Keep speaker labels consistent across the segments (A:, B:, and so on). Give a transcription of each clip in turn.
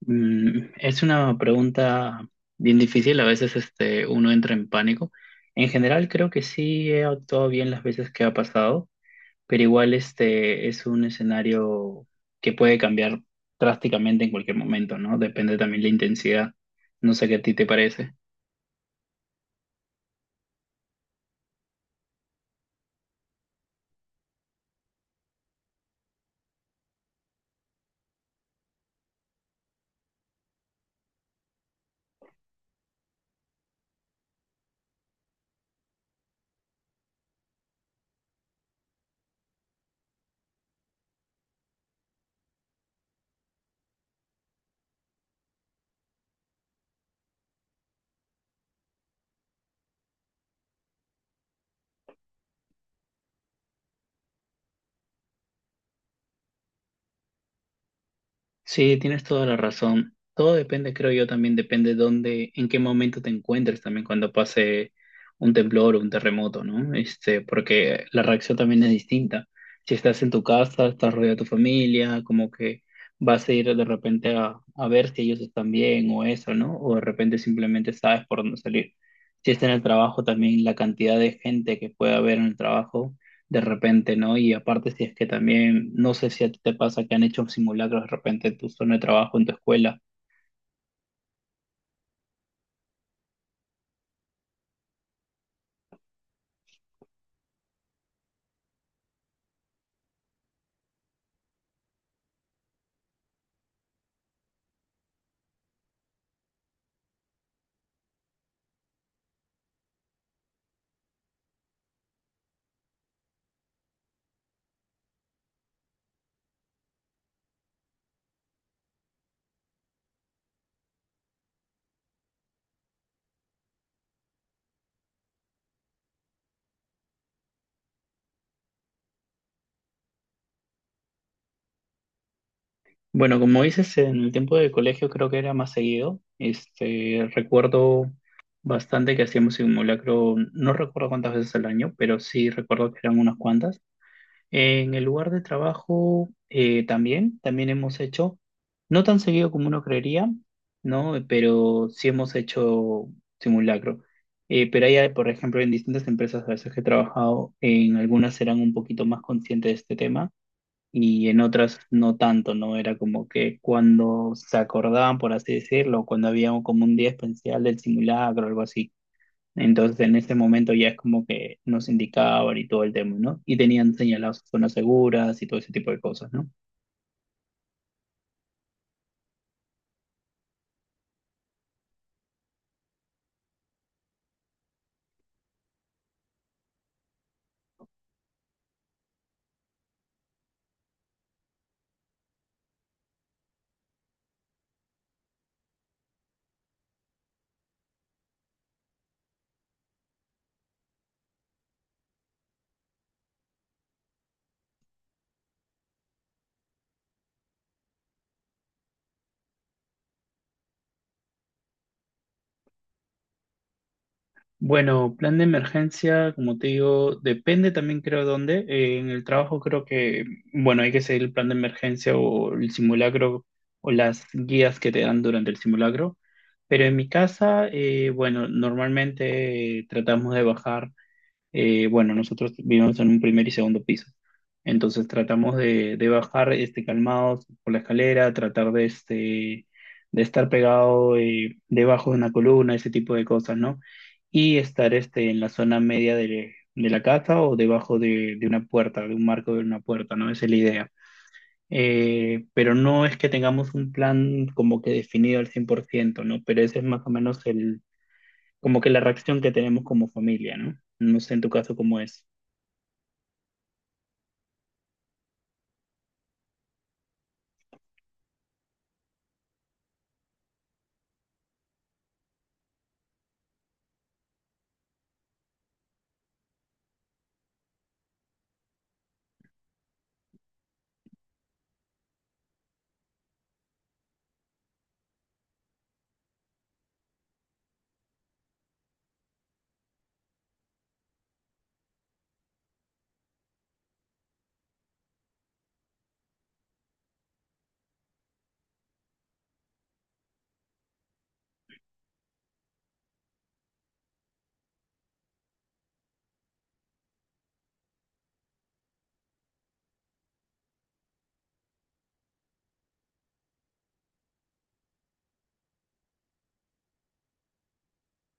A: Mm, es una pregunta bien difícil. A veces uno entra en pánico. En general creo que sí he actuado bien las veces que ha pasado, pero igual este es un escenario que puede cambiar drásticamente en cualquier momento, ¿no? Depende también la intensidad. No sé qué a ti te parece. Sí, tienes toda la razón. Todo depende, creo yo, también depende dónde, en qué momento te encuentres también cuando pase un temblor o un terremoto, ¿no? Porque la reacción también es distinta. Si estás en tu casa, estás rodeado de tu familia, como que vas a ir de repente a ver si ellos están bien o eso, ¿no? O de repente simplemente sabes por dónde salir. Si estás en el trabajo, también la cantidad de gente que puede haber en el trabajo de repente, ¿no? Y aparte, si es que también, no sé si a ti te pasa que han hecho simulacros de repente en tu zona de trabajo, en tu escuela. Bueno, como dices, en el tiempo de colegio creo que era más seguido. Recuerdo bastante que hacíamos simulacro, no recuerdo cuántas veces al año, pero sí recuerdo que eran unas cuantas. En el lugar de trabajo también hemos hecho, no tan seguido como uno creería, ¿no? Pero sí hemos hecho simulacro. Pero hay, por ejemplo, en distintas empresas a veces que he trabajado, en algunas eran un poquito más conscientes de este tema y en otras no tanto, ¿no? Era como que cuando se acordaban, por así decirlo, cuando había como un día especial del simulacro o algo así. Entonces, en ese momento ya es como que nos indicaban y todo el tema, ¿no? Y tenían señaladas zonas seguras y todo ese tipo de cosas, ¿no? Bueno, plan de emergencia, como te digo, depende también creo dónde. En el trabajo creo que, bueno, hay que seguir el plan de emergencia o el simulacro o las guías que te dan durante el simulacro. Pero en mi casa, bueno, normalmente tratamos de bajar. Bueno, nosotros vivimos en un primer y segundo piso. Entonces tratamos de bajar calmados por la escalera, tratar de, de estar pegado debajo de una columna, ese tipo de cosas, ¿no? Y estar en la zona media de la casa o debajo de una puerta, de un marco de una puerta, ¿no? Esa es la idea. Pero no es que tengamos un plan como que definido al 100%, ¿no? Pero ese es más o menos el, como que la reacción que tenemos como familia, ¿no? No sé en tu caso cómo es.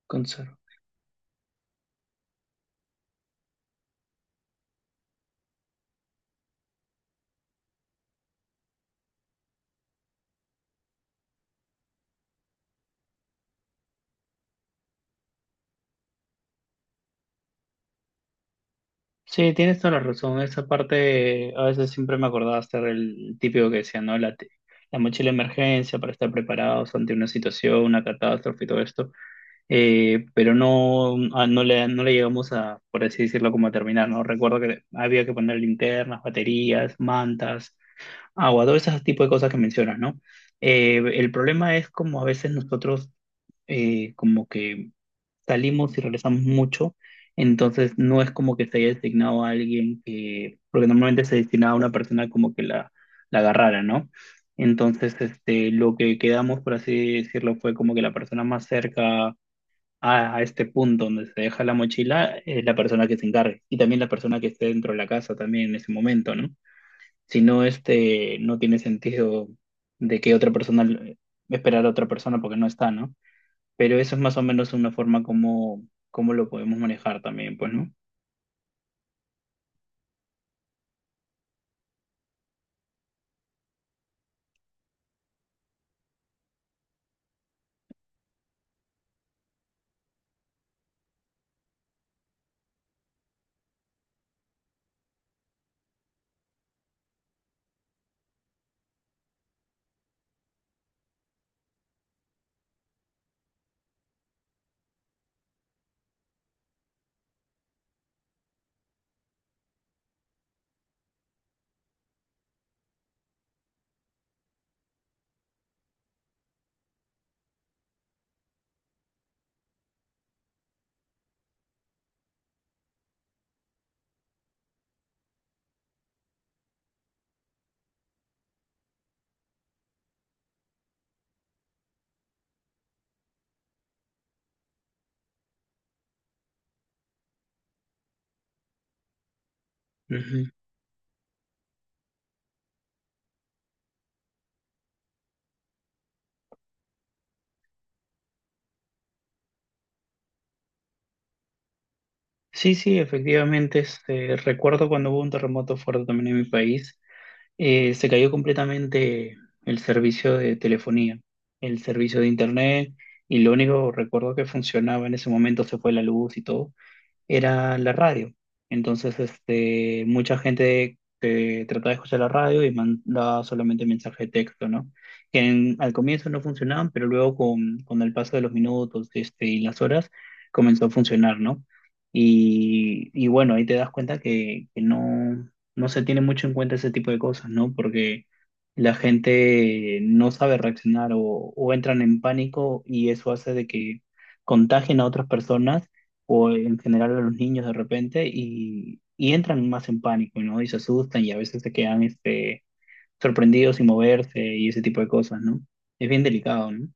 A: Con Zoro. Sí, tienes toda la razón. Esa parte a veces siempre me acordaba estar el típico que decía, ¿no? La mochila de emergencia para estar preparados ante una situación, una catástrofe y todo esto. Pero no, no le, no le llegamos a, por así decirlo, como a terminar, ¿no? Recuerdo que había que poner linternas, baterías, mantas, agua, todo ese tipo de cosas que mencionas, ¿no? El problema es como a veces nosotros como que salimos y regresamos mucho, entonces no es como que se haya designado a alguien que, porque normalmente se destinaba a una persona como que la agarrara, ¿no? Entonces, lo que quedamos, por así decirlo, fue como que la persona más cerca a este punto donde se deja la mochila es la persona que se encargue y también la persona que esté dentro de la casa también en ese momento, ¿no? Si no, no tiene sentido de que otra persona esperar a otra persona porque no está, ¿no? Pero eso es más o menos una forma como, como lo podemos manejar también, pues, ¿no? Ujú. Sí, efectivamente. Recuerdo cuando hubo un terremoto fuerte también en mi país, se cayó completamente el servicio de telefonía, el servicio de internet, y lo único recuerdo que funcionaba en ese momento, se fue la luz y todo, era la radio. Entonces, mucha gente que trataba de escuchar la radio y mandaba solamente mensaje de texto, ¿no? Que al comienzo no funcionaban, pero luego con el paso de los minutos, y las horas, comenzó a funcionar, ¿no? Y bueno, ahí te das cuenta que no, no se tiene mucho en cuenta ese tipo de cosas, ¿no? Porque la gente no sabe reaccionar o entran en pánico y eso hace de que contagien a otras personas o en general a los niños de repente y entran más en pánico, ¿no? Y se asustan y a veces se quedan sorprendidos sin moverse y ese tipo de cosas, ¿no? Es bien delicado, ¿no?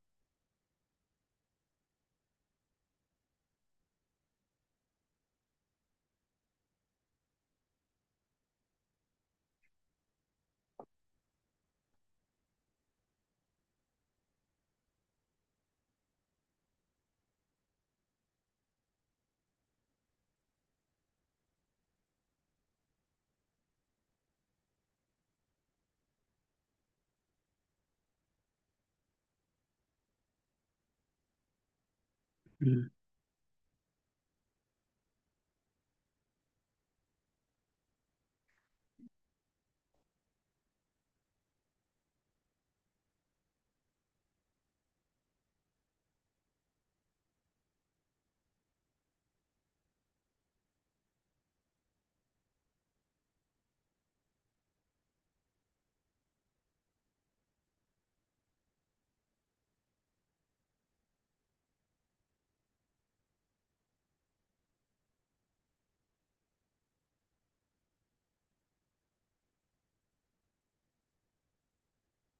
A: Mm.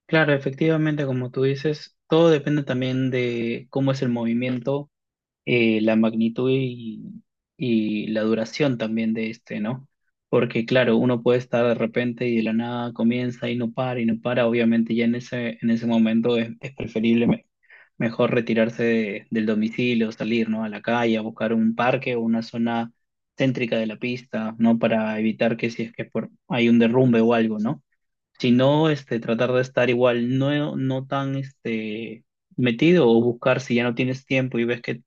A: Claro, efectivamente, como tú dices, todo depende también de cómo es el movimiento, la magnitud y la duración también de este, ¿no? Porque claro, uno puede estar de repente y de la nada comienza y no para y no para. Obviamente ya en en ese momento es preferible mejor retirarse del domicilio, salir, ¿no? A la calle, a buscar un parque o una zona céntrica de la pista, ¿no? Para evitar que si es que por, hay un derrumbe o algo, ¿no? Si no, tratar de estar igual, no, no tan, metido o buscar si ya no tienes tiempo y ves que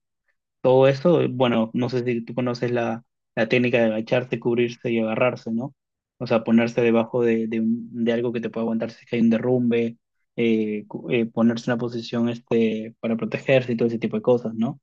A: todo eso, bueno, no sé si tú conoces la técnica de agacharse, cubrirse y agarrarse, ¿no? O sea, ponerse debajo de algo que te pueda aguantar si es que hay un derrumbe, ponerse en una posición para protegerse y todo ese tipo de cosas, ¿no?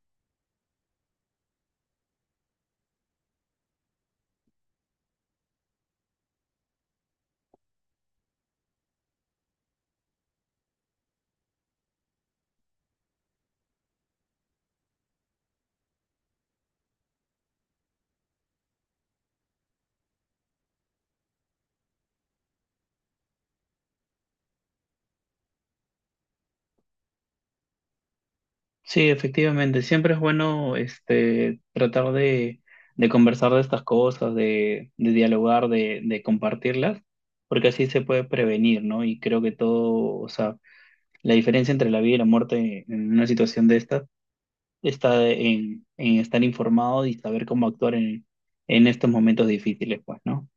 A: Sí, efectivamente, siempre es bueno tratar de conversar de estas cosas, de dialogar, de compartirlas, porque así se puede prevenir, ¿no? Y creo que todo, o sea, la diferencia entre la vida y la muerte en una situación de estas está en estar informado y saber cómo actuar en estos momentos difíciles, pues, ¿no?